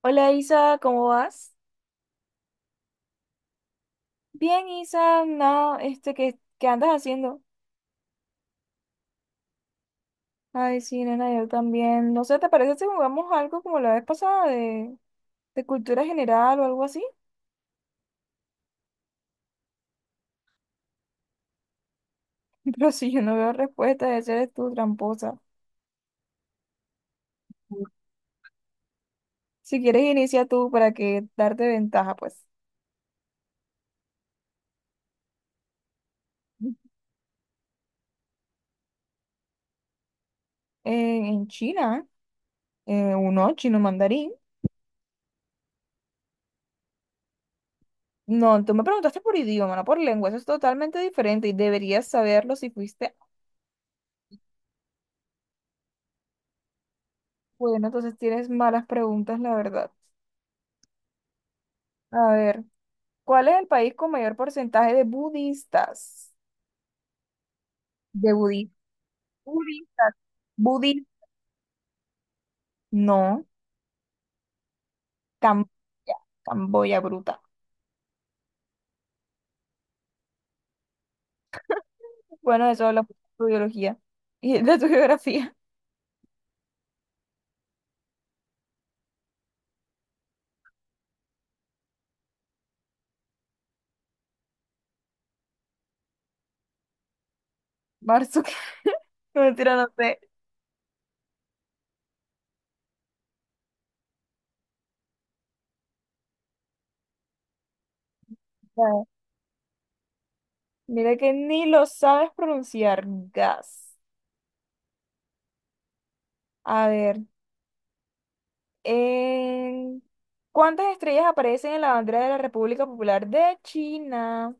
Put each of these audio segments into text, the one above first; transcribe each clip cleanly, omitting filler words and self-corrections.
Hola Isa, ¿cómo vas? Bien, Isa, no, este, ¿qué andas haciendo? Ay, sí, nena, yo también. No sé, ¿te parece si jugamos algo como la vez pasada de cultura general o algo así? Pero si yo no veo respuesta, de ser tú tramposa. Si quieres, inicia tú para que darte ventaja, pues. En China, uno, chino mandarín. No, tú me preguntaste por idioma, no por lengua, eso es totalmente diferente y deberías saberlo si fuiste. Bueno, entonces tienes malas preguntas, la verdad. A ver. ¿Cuál es el país con mayor porcentaje de budistas? De budismo. Budistas. Budi. No. Camboya. Camboya bruta. Bueno, eso habla mucho de tu biología y de tu geografía. Marzo. No, mentira, no sé. No. Mira que ni lo sabes pronunciar. Gas. A ver. en- ¿Cuántas estrellas aparecen en la bandera de la República Popular de China?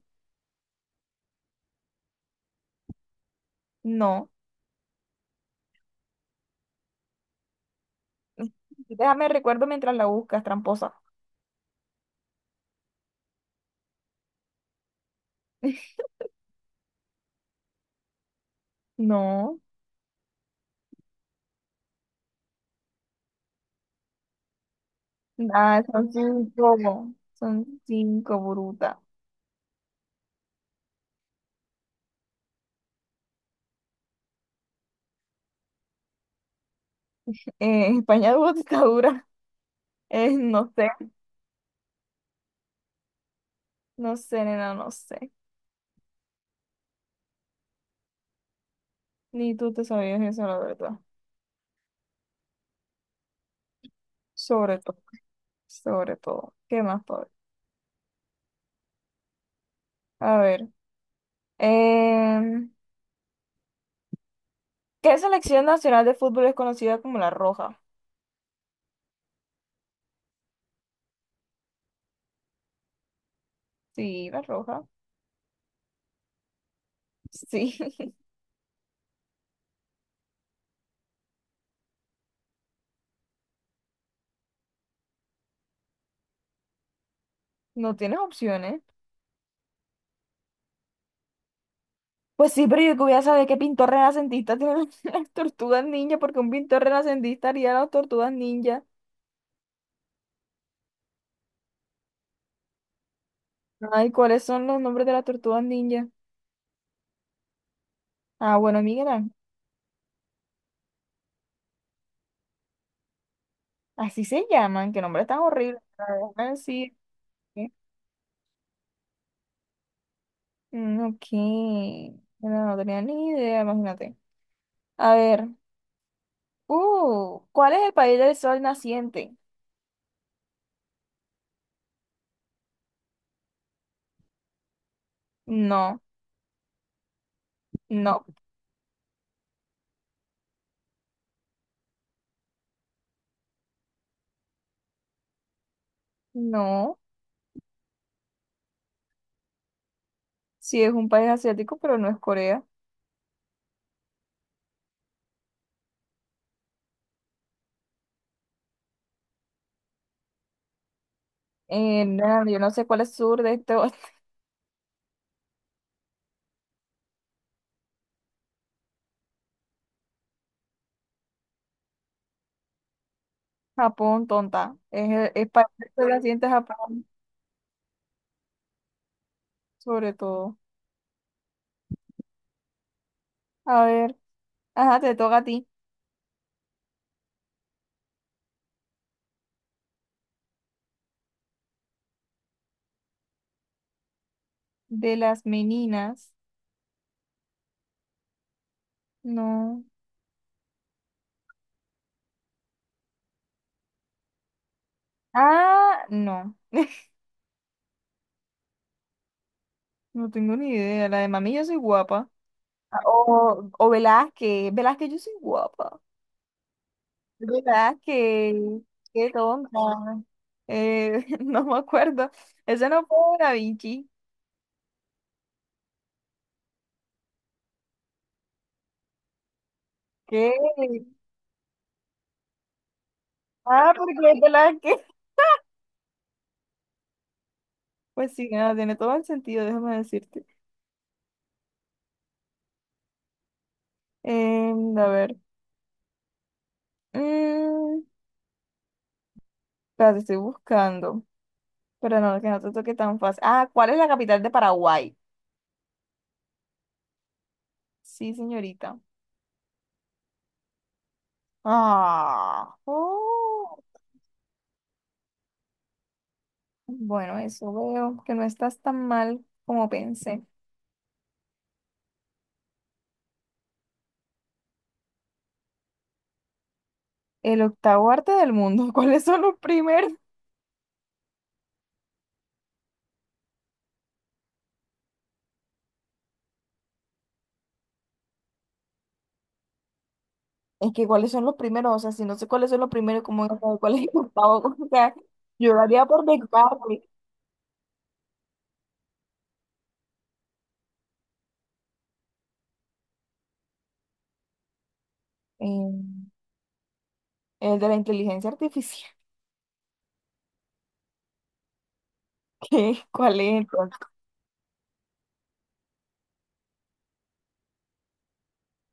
No. Déjame recuerdo mientras la buscas, tramposa. No. Ah, son cinco, bruta. España tuvo dictadura. No sé, no sé, nena, no sé. Ni tú te sabías eso, la verdad. Sobre todo, sobre todo. ¿Qué más, pobre? A ver. em, ¿Qué selección nacional de fútbol es conocida como la Roja? Sí, la Roja. Sí, no tienes opciones. Pues sí, pero yo que voy a saber qué pintor renacentista tiene las tortugas ninja, porque un pintor renacentista haría las tortugas ninja. Ay, ¿cuáles son los nombres de las tortugas ninja? Ah, bueno, mira, así se llaman, qué nombre tan horrible. Así. Mm, ok, no, no tenía ni idea, imagínate. A ver, ¿cuál es el país del sol naciente? No, no, no. Sí, es un país asiático, pero no es Corea. No, yo no sé cuál es sur de este. Japón, tonta. Es país del sol naciente Japón, sobre todo. A ver, ajá, te toca a ti. De las meninas. No. Ah, no. No tengo ni idea. La de mami, yo soy guapa. O Velázquez. Velázquez, yo soy guapa. Velázquez. Qué tonta. No me acuerdo. Ese no fue Da Vinci. ¿Qué? Ah, porque es Velázquez. Pues sí, nada, tiene todo el sentido, déjame decirte. A ver. Mm, espérate, estoy buscando. Pero no, que no te toque tan fácil. Ah, ¿cuál es la capital de Paraguay? Sí, señorita. Ah, oh. Bueno, eso veo, que no estás tan mal como pensé. El octavo arte del mundo, ¿cuáles son los primeros? Es que cuáles son los primeros, o sea, si no sé cuáles son los primeros, ¿cómo voy a saber cuál es el octavo? O sea, yo lo haría por descarte. Eh, el de la inteligencia artificial. ¿Qué? ¿Cuál es entonces?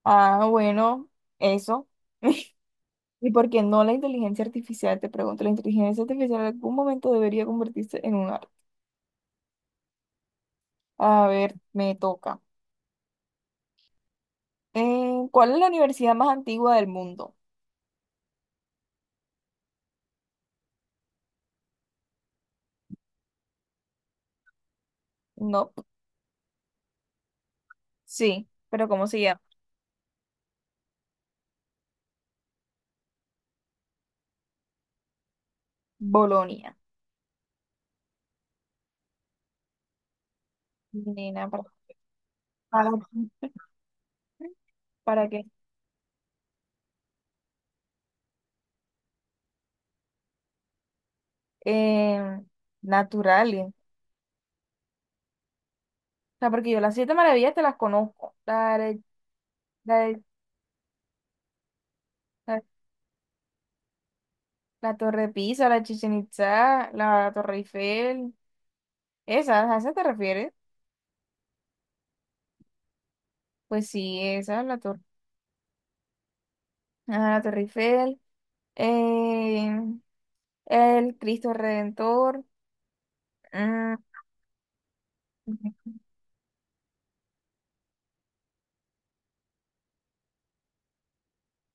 Ah, bueno, eso. ¿Y por qué no la inteligencia artificial? Te pregunto, ¿la inteligencia artificial en algún momento debería convertirse en un arte? A ver, me toca. ¿Cuál es la universidad más antigua del mundo? No, sí, pero ¿cómo se llama? Bolonia. Nena, para, ¿para qué? Eh, naturales. O sea, porque yo las siete maravillas te las conozco. La, de- la, la Torre de Pisa, la Chichen Itza, la Torre Eiffel. ¿Esas? ¿A esas te refieres? Pues sí, esa, ajá, la Torre Eiffel. eh, el Cristo Redentor. Mm.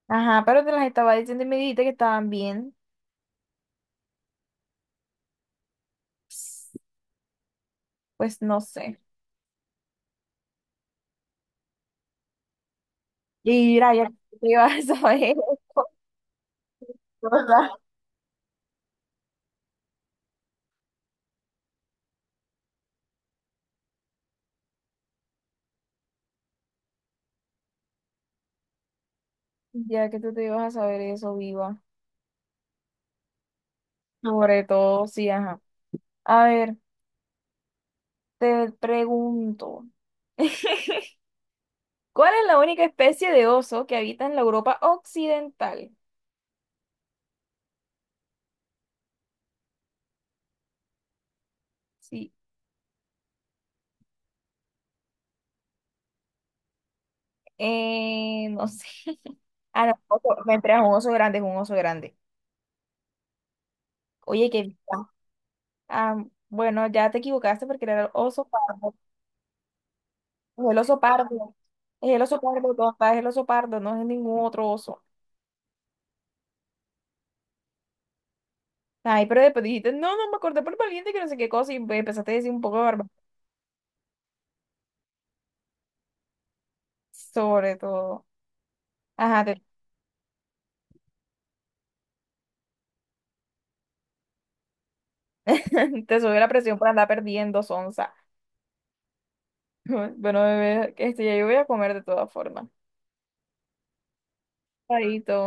Ajá, pero te las estaba diciendo y me dijiste que estaban bien. Pues no sé. Y mira, ya que tú te ibas a saber eso, ¿verdad? Ya que tú te ibas a saber eso, viva. Sobre todo, sí, ajá. A ver, te pregunto. ¿Cuál es la única especie de oso que habita en la Europa occidental? Sí, no sé. Ah, no, oso, me entré a un oso grande, es un oso grande. Oye, qué vida. Ah, bueno, ya te equivocaste porque era el oso pardo. Es el oso pardo. Es el oso pardo, tonta. Es el oso pardo, no es ningún otro oso. Ay, pero después dijiste, no, no, me acordé por valiente que no sé qué cosa y pues, empezaste a decir un poco de barba. Sobre todo. Ajá, te, te subió la presión por andar perdiendo, sonza. Bueno, bebé, este, ya yo voy a comer de todas formas. Chaito.